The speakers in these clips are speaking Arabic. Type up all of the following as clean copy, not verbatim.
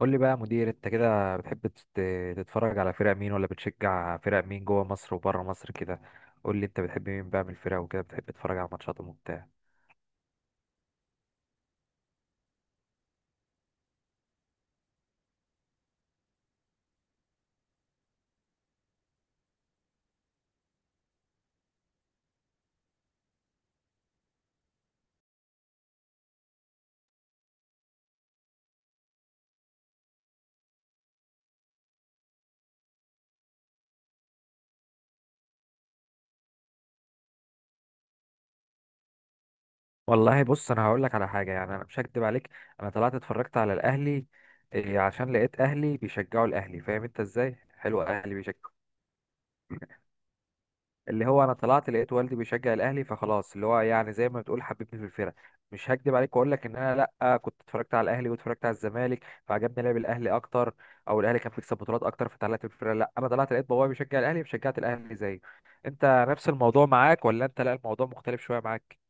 قول لي بقى يا مدير، انت كده بتحب تتفرج على فرق مين ولا بتشجع فرق مين جوه مصر وبره مصر كده؟ قول لي انت بتحب مين بقى من الفرق وكده، بتحب تتفرج على ماتشاتهم وبتاع؟ والله بص، انا هقول لك على حاجه. يعني انا مش هكدب عليك، انا طلعت اتفرجت على الاهلي إيه، عشان لقيت اهلي بيشجعوا الاهلي. فاهم انت ازاي؟ حلو، اهلي بيشجعوا. اللي هو انا طلعت لقيت والدي بيشجع الاهلي، فخلاص اللي هو يعني زي ما بتقول حببني في الفرقه. مش هكدب عليك واقول لك ان انا لا كنت اتفرجت على الاهلي واتفرجت على الزمالك فعجبني لعب الاهلي اكتر، او الاهلي كان بيكسب بطولات اكتر فطلعت في الفرقه. لا، انا طلعت لقيت بابايا بيشجع الاهلي فشجعت الاهلي زيه. انت نفس الموضوع معاك ولا انت لا، الموضوع مختلف شويه معاك؟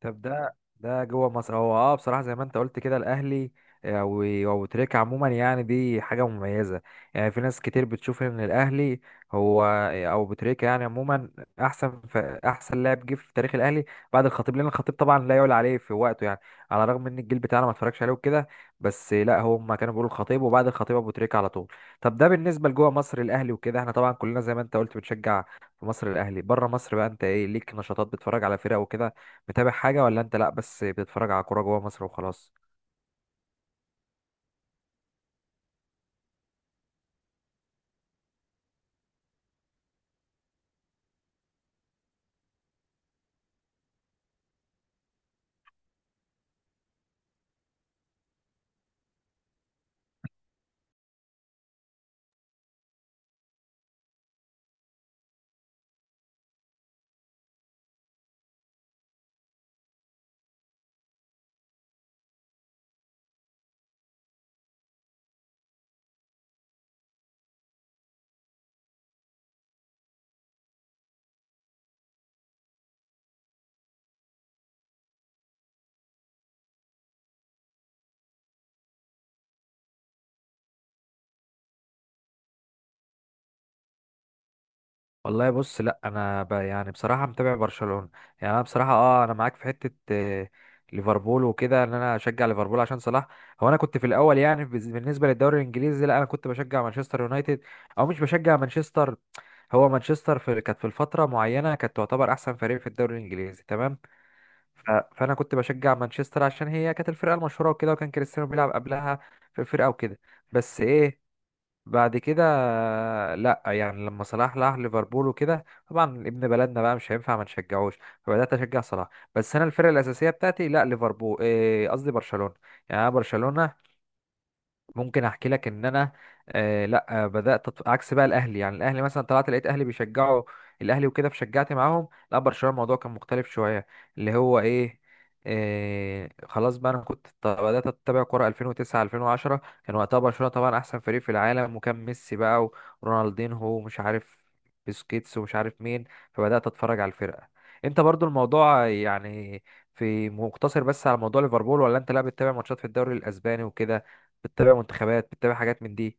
طب ده جوه مصر. هو بصراحه زي ما انت قلت كده الاهلي، او تريكة عموما، يعني دي حاجه مميزه. يعني في ناس كتير بتشوف ان الاهلي هو، او بتريكة يعني، عموما احسن احسن لاعب جه في تاريخ الاهلي بعد الخطيب، لان الخطيب طبعا لا يعلى عليه في وقته يعني. على الرغم ان الجيل بتاعنا ما اتفرجش عليه وكده، بس لا، هم كانوا بيقولوا الخطيب وبعد الخطيب ابو تريكة على طول. طب ده بالنسبه لجوه مصر الاهلي وكده، احنا طبعا كلنا زي ما انت قلت بتشجع في مصر الاهلي. بره مصر بقى انت ايه ليك نشاطات بتتفرج على فرق وكده، متابع حاجة ولا انت لا، بس بتتفرج على كورة جوه مصر وخلاص؟ والله بص، لا انا يعني بصراحة متابع برشلونة. يعني انا بصراحة، انا معاك في حتة، ليفربول وكده، ان انا اشجع ليفربول عشان صلاح. هو انا كنت في الاول يعني، بالنسبة للدوري الانجليزي، لا انا كنت بشجع مانشستر يونايتد. او مش بشجع مانشستر، هو مانشستر كانت في الفترة معينة، كانت تعتبر احسن فريق في الدوري الانجليزي، تمام. فانا كنت بشجع مانشستر عشان هي كانت الفرقة المشهورة وكده، وكان كريستيانو بيلعب قبلها في الفرقة وكده. بس ايه، بعد كده، لا يعني لما صلاح راح ليفربول وكده، طبعا ابن بلدنا بقى مش هينفع ما نشجعوش، فبدات اشجع صلاح. بس انا الفرقه الاساسيه بتاعتي لا، ليفربول، قصدي برشلونه. يعني انا برشلونه، ممكن احكي لك ان انا لا، بدات عكس بقى الاهلي. يعني الاهلي مثلا طلعت لقيت اهلي بيشجعوا الاهلي وكده فشجعت معاهم، لا برشلونه الموضوع كان مختلف شويه. اللي هو ايه، خلاص بقى، انا كنت بدات اتابع كوره 2009 2010. كان وقتها برشلونه طبعا احسن فريق في العالم، وكان ميسي بقى ورونالدينهو ومش عارف بسكيتس ومش عارف مين. فبدات اتفرج على الفرقه. انت برضو الموضوع، يعني في مقتصر بس على موضوع ليفربول، ولا انت لا بتتابع ماتشات في الدوري الاسباني وكده، بتتابع منتخبات، بتتابع حاجات من دي؟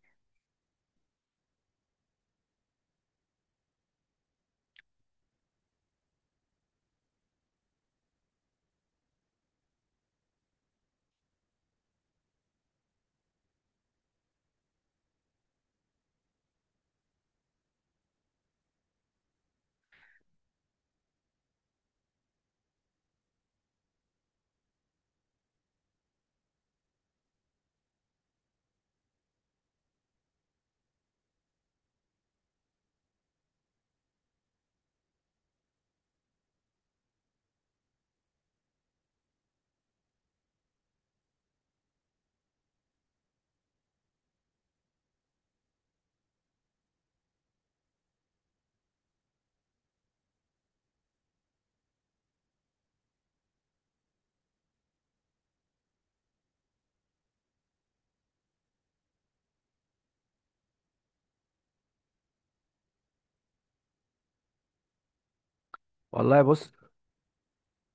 والله بص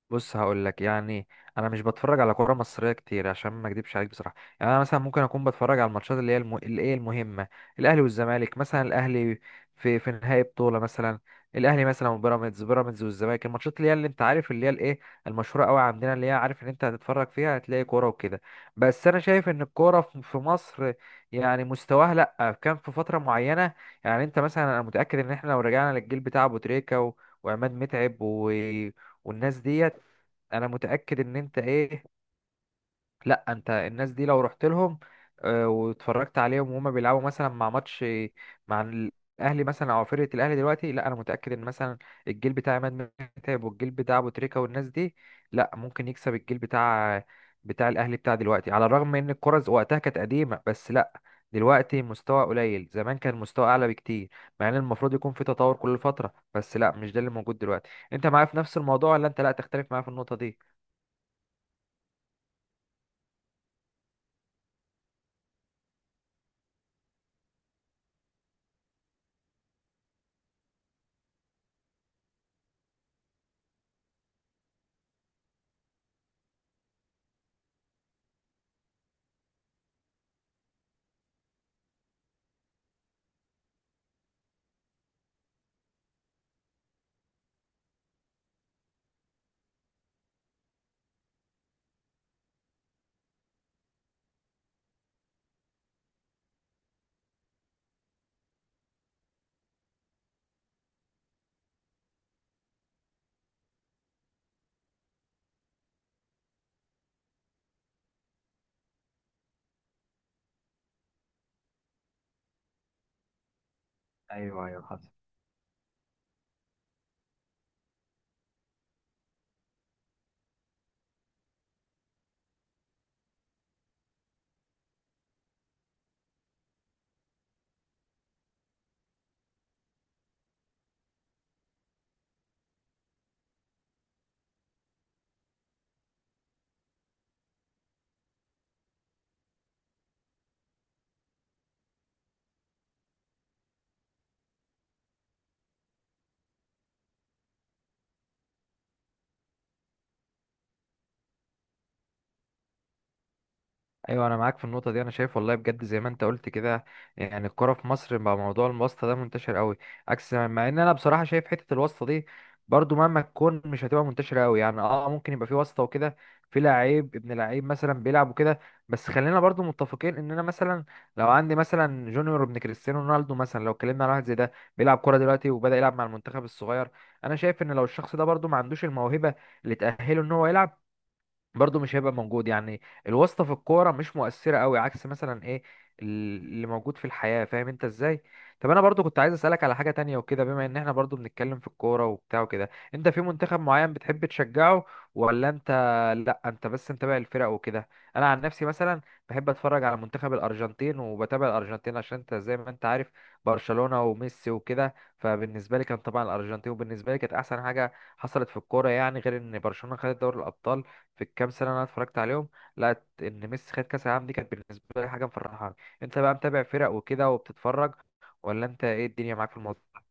بص هقول لك يعني، انا مش بتفرج على كوره مصريه كتير عشان ما اكدبش عليك بصراحه. يعني انا مثلا ممكن اكون بتفرج على الماتشات اللي هي اللي هي المهمه، الاهلي والزمالك مثلا، الاهلي في نهائي بطوله مثلا، الاهلي مثلا وبيراميدز، بيراميدز والزمالك، الماتشات اللي هي اللي انت عارف اللي هي الايه، المشهوره قوي عندنا، اللي هي عارف ان انت هتتفرج فيها هتلاقي كوره وكده. بس انا شايف ان الكوره في مصر يعني مستواها، لا كان في فتره معينه. يعني انت مثلا، انا متاكد ان احنا لو رجعنا للجيل بتاع ابو تريكه وعماد متعب والناس ديت، انا متأكد ان انت ايه، لا انت الناس دي لو رحت لهم واتفرجت عليهم وهما بيلعبوا مثلا مع ماتش، مع الاهلي مثلا او فرقه الاهلي دلوقتي، لا انا متاكد ان مثلا الجيل بتاع عماد متعب والجيل بتاع ابو تريكه والناس دي لا ممكن يكسب الجيل بتاع الاهلي بتاع دلوقتي، على الرغم ان الكره وقتها كانت قديمه. بس لا، دلوقتي مستوى قليل، زمان كان مستوى اعلى بكتير، مع ان المفروض يكون في تطور كل فتره، بس لا مش ده اللي موجود دلوقتي. انت معايا في نفس الموضوع ولا انت لا، تختلف معايا في النقطه دي؟ ايوه، انا معاك في النقطه دي، انا شايف والله بجد زي ما انت قلت كده. يعني الكوره في مصر بقى موضوع الواسطه ده منتشر قوي، عكس مع ان انا بصراحه شايف حته الواسطه دي برضو مهما تكون مش هتبقى منتشره قوي. يعني ممكن يبقى في واسطه وكده، في لعيب ابن لعيب مثلا بيلعب وكده، بس خلينا برضو متفقين ان انا مثلا لو عندي مثلا جونيور ابن كريستيانو رونالدو مثلا، لو اتكلمنا على واحد زي ده بيلعب كوره دلوقتي وبدا يلعب مع المنتخب الصغير، انا شايف ان لو الشخص ده برضو ما عندوش الموهبه اللي تاهله ان هو يلعب، برضه مش هيبقى موجود. يعني الواسطة في الكورة مش مؤثرة قوي عكس مثلا ايه اللي موجود في الحياة. فاهم انت ازاي؟ طب انا برضه كنت عايز اسألك على حاجة تانية وكده، بما ان احنا برضه بنتكلم في الكورة وبتاع وكده، انت في منتخب معين بتحب تشجعه ولا انت لا، انت بس متابع الفرق وكده؟ انا عن نفسي مثلا بحب اتفرج على منتخب الارجنتين وبتابع الارجنتين عشان انت زي ما انت عارف برشلونة وميسي وكده، فبالنسبة لي كان طبعا الارجنتين، وبالنسبة لي كانت احسن حاجة حصلت في الكورة يعني، غير ان برشلونة خدت دوري الابطال في الكام سنه اللي انا اتفرجت عليهم، لقيت ان ميسي خد كاس العالم، دي كانت بالنسبه لي حاجه مفرحاني. انت بقى متابع فرق وكده وبتتفرج، ولا انت ايه الدنيا معاك في الموضوع؟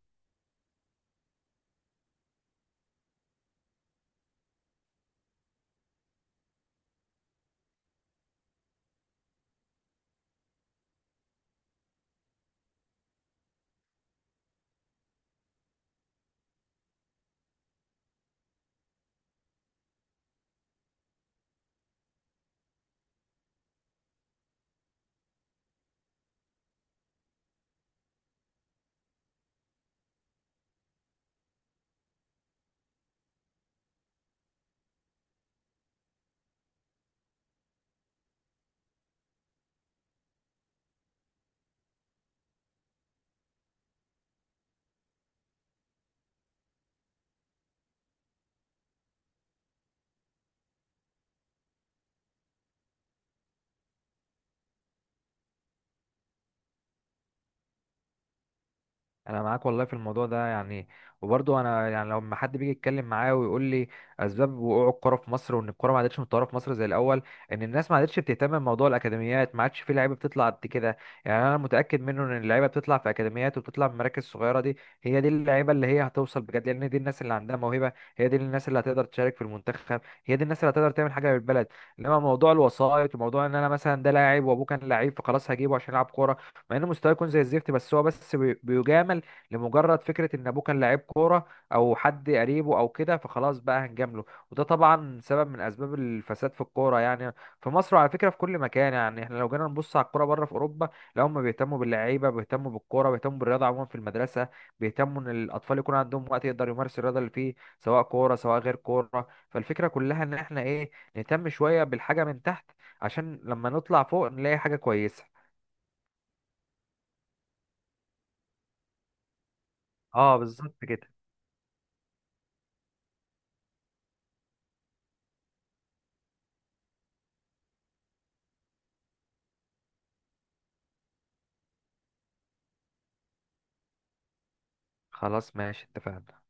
انا معاك والله في الموضوع ده يعني. وبرضه انا يعني لما حد بيجي يتكلم معايا ويقول لي اسباب وقوع الكوره في مصر وان الكوره ما عادتش متطوره في مصر زي الاول، ان الناس ما عادتش بتهتم بموضوع الاكاديميات، ما عادش في لعيبه بتطلع قد كده. يعني انا متاكد منه ان اللعيبه بتطلع في اكاديميات وبتطلع في مراكز صغيره دي، هي دي اللعيبه اللي هي هتوصل بجد، لان دي الناس اللي عندها موهبه، هي دي الناس اللي هتقدر تشارك في المنتخب، هي دي الناس اللي هتقدر تعمل حاجه للبلد. انما موضوع الوسائط وموضوع ان انا مثلا ده لاعب وابوه كان لعيب فخلاص هجيبه عشان يلعب كوره، مع انه مستواه يكون زي الزفت، بس هو بس بيجامل لمجرد فكره ان ابوه كان لعيب كوره او حد قريبه او كده، فخلاص بقى هنجامله. وده طبعا سبب من اسباب الفساد في الكوره يعني في مصر، وعلى فكره في كل مكان. يعني احنا لو جينا نبص على الكوره بره في اوروبا، لا هم بيهتموا باللعيبه، بيهتموا بالكوره، بيهتموا بالرياضه عموما في المدرسه، بيهتموا ان الاطفال يكون عندهم وقت يقدر يمارس الرياضه اللي فيه، سواء كوره سواء غير كوره. فالفكره كلها ان احنا ايه، نهتم شويه بالحاجه من تحت عشان لما نطلع فوق نلاقي حاجه كويسه. اه بالظبط كده. خلاص ماشي، اتفقنا.